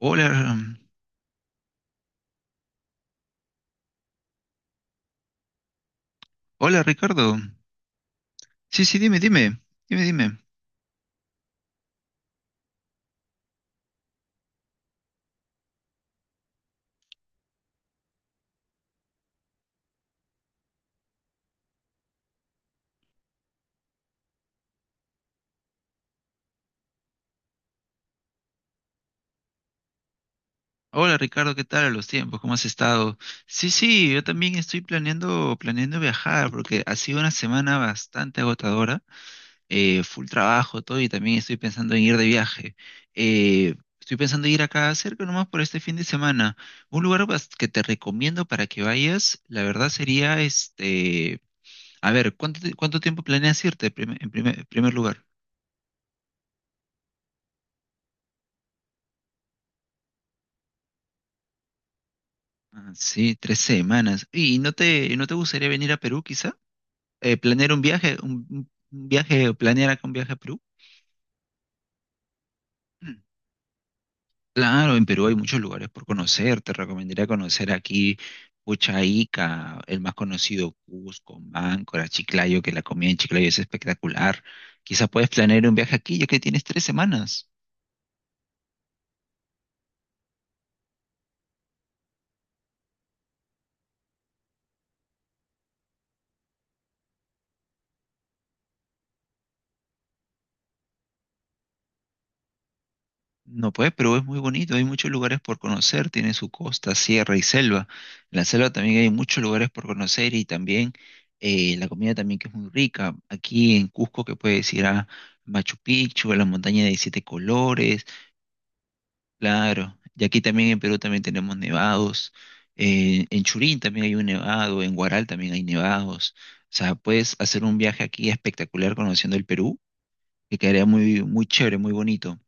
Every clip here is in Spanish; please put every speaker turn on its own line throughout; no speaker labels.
Hola, hola Ricardo. Sí, sí, dime, dime, dime, dime. Hola Ricardo, ¿qué tal a los tiempos? ¿Cómo has estado? Sí, sí, yo también estoy planeando viajar porque ha sido una semana bastante agotadora, full trabajo, todo, y también estoy pensando en ir de viaje. Eh, estoy pensando en ir acá cerca nomás por este fin de semana. Un lugar que te recomiendo para que vayas, la verdad sería a ver, ¿cuánto tiempo planeas irte en primer lugar? Ah, sí, 3 semanas. ¿Y no te gustaría venir a Perú, quizá? ¿Planear un viaje, un viaje, o planear acá un viaje a Perú? Mm. Claro, en Perú hay muchos lugares por conocer. Te recomendaría conocer aquí Pucha Ica, el más conocido Cusco, Máncora, Chiclayo, que la comida en Chiclayo es espectacular. Quizá puedes planear un viaje aquí, ya que tienes 3 semanas. No puedes, pero es muy bonito, hay muchos lugares por conocer, tiene su costa, sierra y selva. En la selva también hay muchos lugares por conocer y también la comida también que es muy rica. Aquí en Cusco que puedes ir a Machu Picchu, a la montaña de 17 colores, claro. Y aquí también en Perú también tenemos nevados. En Churín también hay un nevado, en Huaral también hay nevados. O sea, puedes hacer un viaje aquí espectacular conociendo el Perú, que quedaría muy, muy chévere, muy bonito.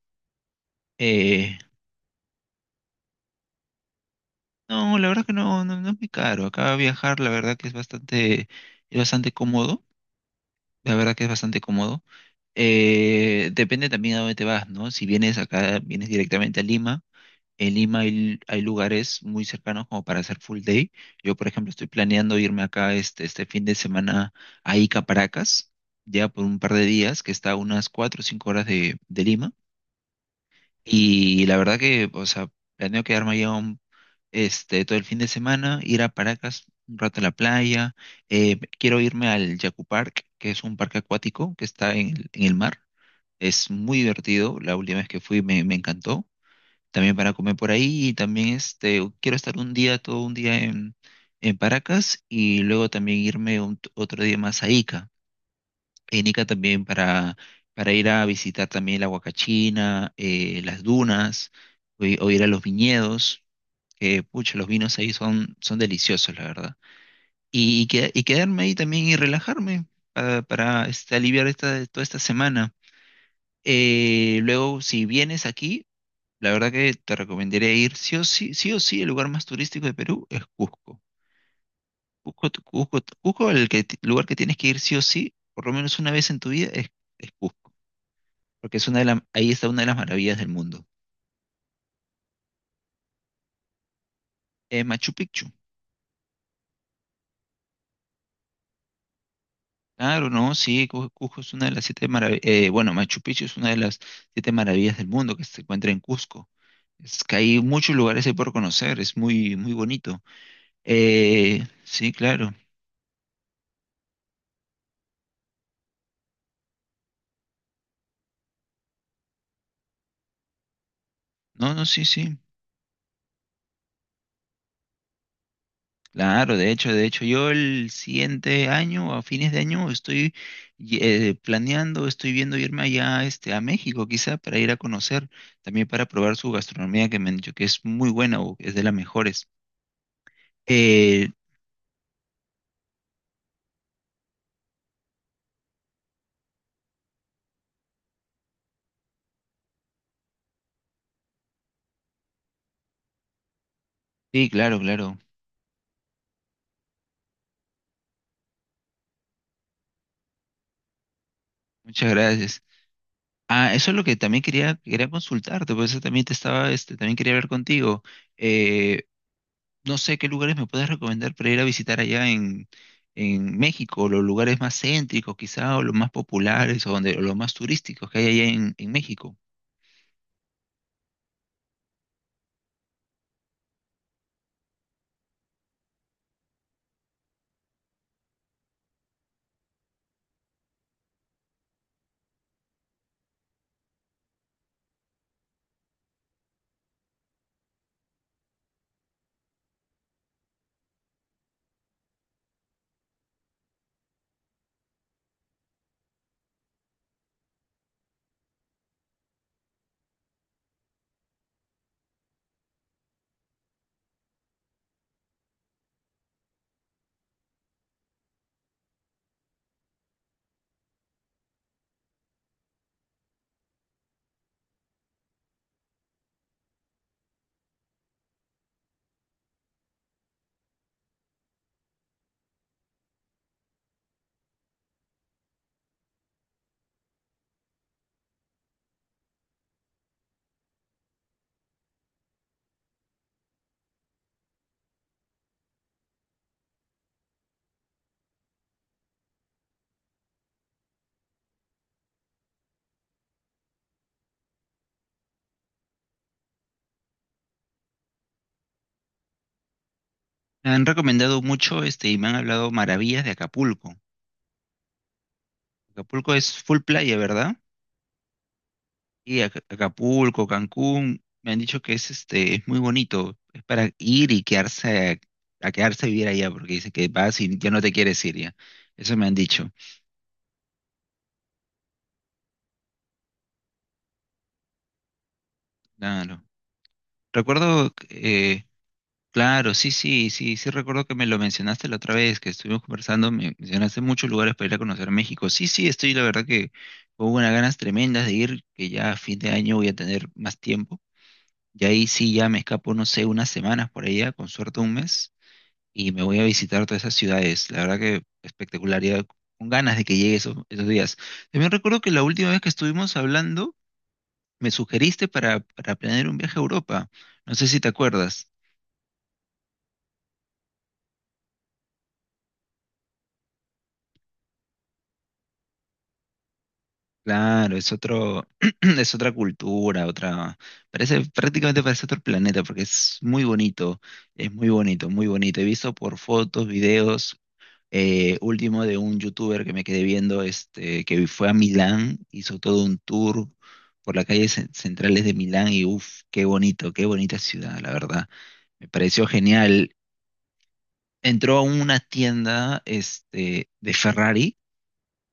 Eh, No, la verdad que no, no, no es muy caro. Acá viajar, la verdad que es bastante cómodo. La verdad que es bastante cómodo. Depende también a dónde te vas, ¿no? Si vienes acá, vienes directamente a Lima. En Lima hay lugares muy cercanos como para hacer full day. Yo, por ejemplo, estoy planeando irme acá este fin de semana a Ica, Paracas, ya por un par de días, que está a unas 4 o 5 horas de Lima. Y la verdad que, o sea, planeo quedarme allá todo el fin de semana, ir a Paracas un rato a la playa. Quiero irme al Yacu Park, que es un parque acuático que está en el mar. Es muy divertido. La última vez que fui me encantó. También para comer por ahí y también quiero estar un día, todo un día en Paracas y luego también irme otro día más a Ica en Ica también para ir a visitar también la Huacachina, las dunas, o ir a los viñedos, que pucha, los vinos ahí son deliciosos, la verdad. Y quedarme ahí también y relajarme aliviar esta, toda esta semana. Luego, si vienes aquí, la verdad que te recomendaría ir sí o sí, el lugar más turístico de Perú es Cusco. Cusco, Cusco, Cusco, lugar que tienes que ir sí o sí, por lo menos una vez en tu vida, es Cusco. Porque es una de la- ahí está una de las maravillas del mundo. Machu Picchu. Claro, no, sí, Cusco es una de las siete maravillas, bueno, Machu Picchu es una de las siete maravillas del mundo que se encuentra en Cusco. Es que hay muchos lugares ahí por conocer, es muy, muy bonito. Sí, claro. No, no, sí, sí. Claro, de hecho, yo el siguiente año, a fines de año, planeando, estoy viendo irme allá a México, quizá para ir a conocer, también para probar su gastronomía, que me han dicho que es muy buena o es de las mejores. Eh, sí, claro, claro. Muchas gracias. Ah, eso es lo que también quería consultarte, por eso también te estaba, también quería hablar contigo. Eh, no sé qué lugares me puedes recomendar para ir a visitar allá en México, los lugares más céntricos quizá, o los más populares, o los más turísticos que hay allá en México. Me han recomendado mucho y me han hablado maravillas de Acapulco. Acapulco es full playa, ¿verdad? Y Acapulco, Cancún, me han dicho que es muy bonito, es para ir y quedarse a quedarse a vivir allá, porque dice que vas y ya no te quieres ir ya. Eso me han dicho. Claro. Recuerdo Claro, sí, sí, sí, sí recuerdo que me lo mencionaste la otra vez que estuvimos conversando, me mencionaste muchos lugares para ir a conocer México. Sí, sí, estoy la verdad que con unas ganas tremendas de ir, que ya a fin de año voy a tener más tiempo. Y ahí sí ya me escapo, no sé, unas semanas por allá, con suerte un mes, y me voy a visitar todas esas ciudades. La verdad que espectacular, ya con ganas de que llegue esos días. También recuerdo que la última vez que estuvimos hablando, me sugeriste para planear un viaje a Europa. No sé si te acuerdas. Claro, es otro, es otra cultura, otra, prácticamente parece otro planeta, porque es muy bonito, muy bonito. He visto por fotos, videos, último de un youtuber que me quedé viendo, que fue a Milán, hizo todo un tour por las calles centrales de Milán y uff, qué bonito, qué bonita ciudad, la verdad. Me pareció genial. Entró a una tienda, de Ferrari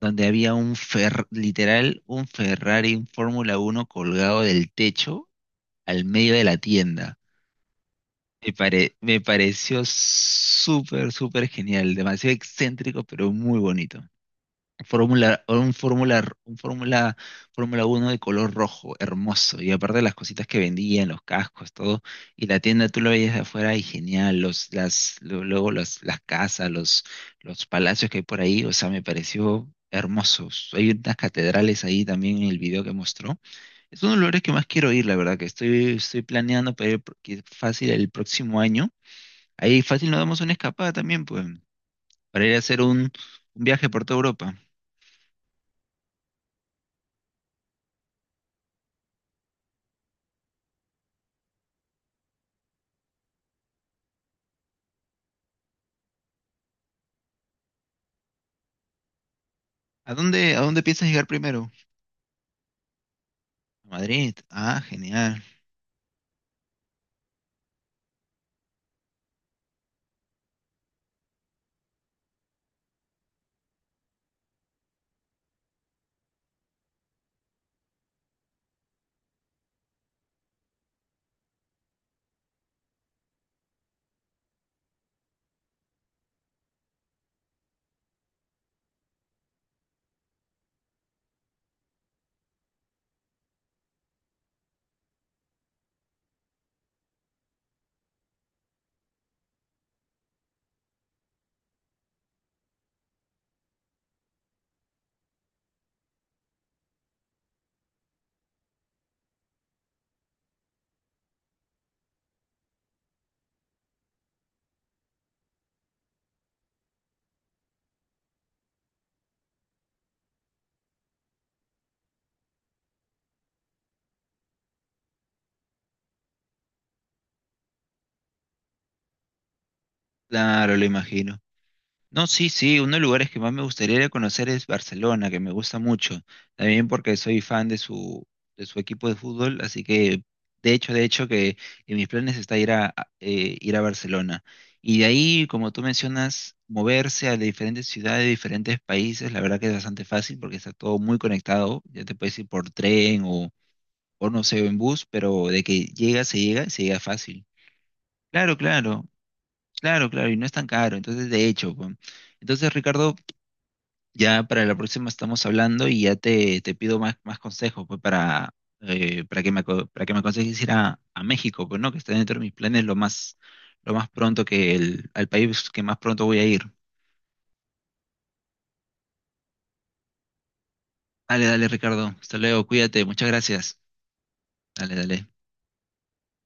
donde había literal un Ferrari, un Fórmula 1 colgado del techo al medio de la tienda. Me pareció súper, súper genial, demasiado excéntrico, pero muy bonito. Fórmula, un Fórmula, un Fórmula, Fórmula uno de color rojo, hermoso. Y aparte las cositas que vendían, los cascos, todo. Y la tienda tú lo veías de afuera y genial. Luego las casas, los palacios que hay por ahí, o sea, me pareció hermosos. Hay unas catedrales ahí también en el video que mostró. Es uno de los lugares que más quiero ir, la verdad, que estoy planeando para ir que fácil el próximo año. Ahí fácil nos damos una escapada también, pues, para ir a hacer un viaje por toda Europa. ¿A dónde piensas llegar primero? A Madrid. Ah, genial. Claro, lo imagino. No, sí, sí, uno de los lugares que más me gustaría ir a conocer es Barcelona, que me gusta mucho. También porque soy fan de su equipo de fútbol, así que de hecho que en mis planes está ir a Barcelona. Y de ahí, como tú mencionas, moverse a diferentes ciudades, diferentes países, la verdad que es bastante fácil porque está todo muy conectado. Ya te puedes ir por tren o no sé, en bus, pero de que llega, se llega fácil. Claro, claro, claro, claro, y no es tan caro, entonces de hecho, pues. Entonces, Ricardo, ya para la próxima estamos hablando y ya te pido más consejos, pues, para que me aconsejes ir a México, pues, ¿no? Que está dentro de mis planes lo más pronto que al país que más pronto voy a ir. Dale, dale, Ricardo, hasta luego, cuídate, muchas gracias. Dale, dale.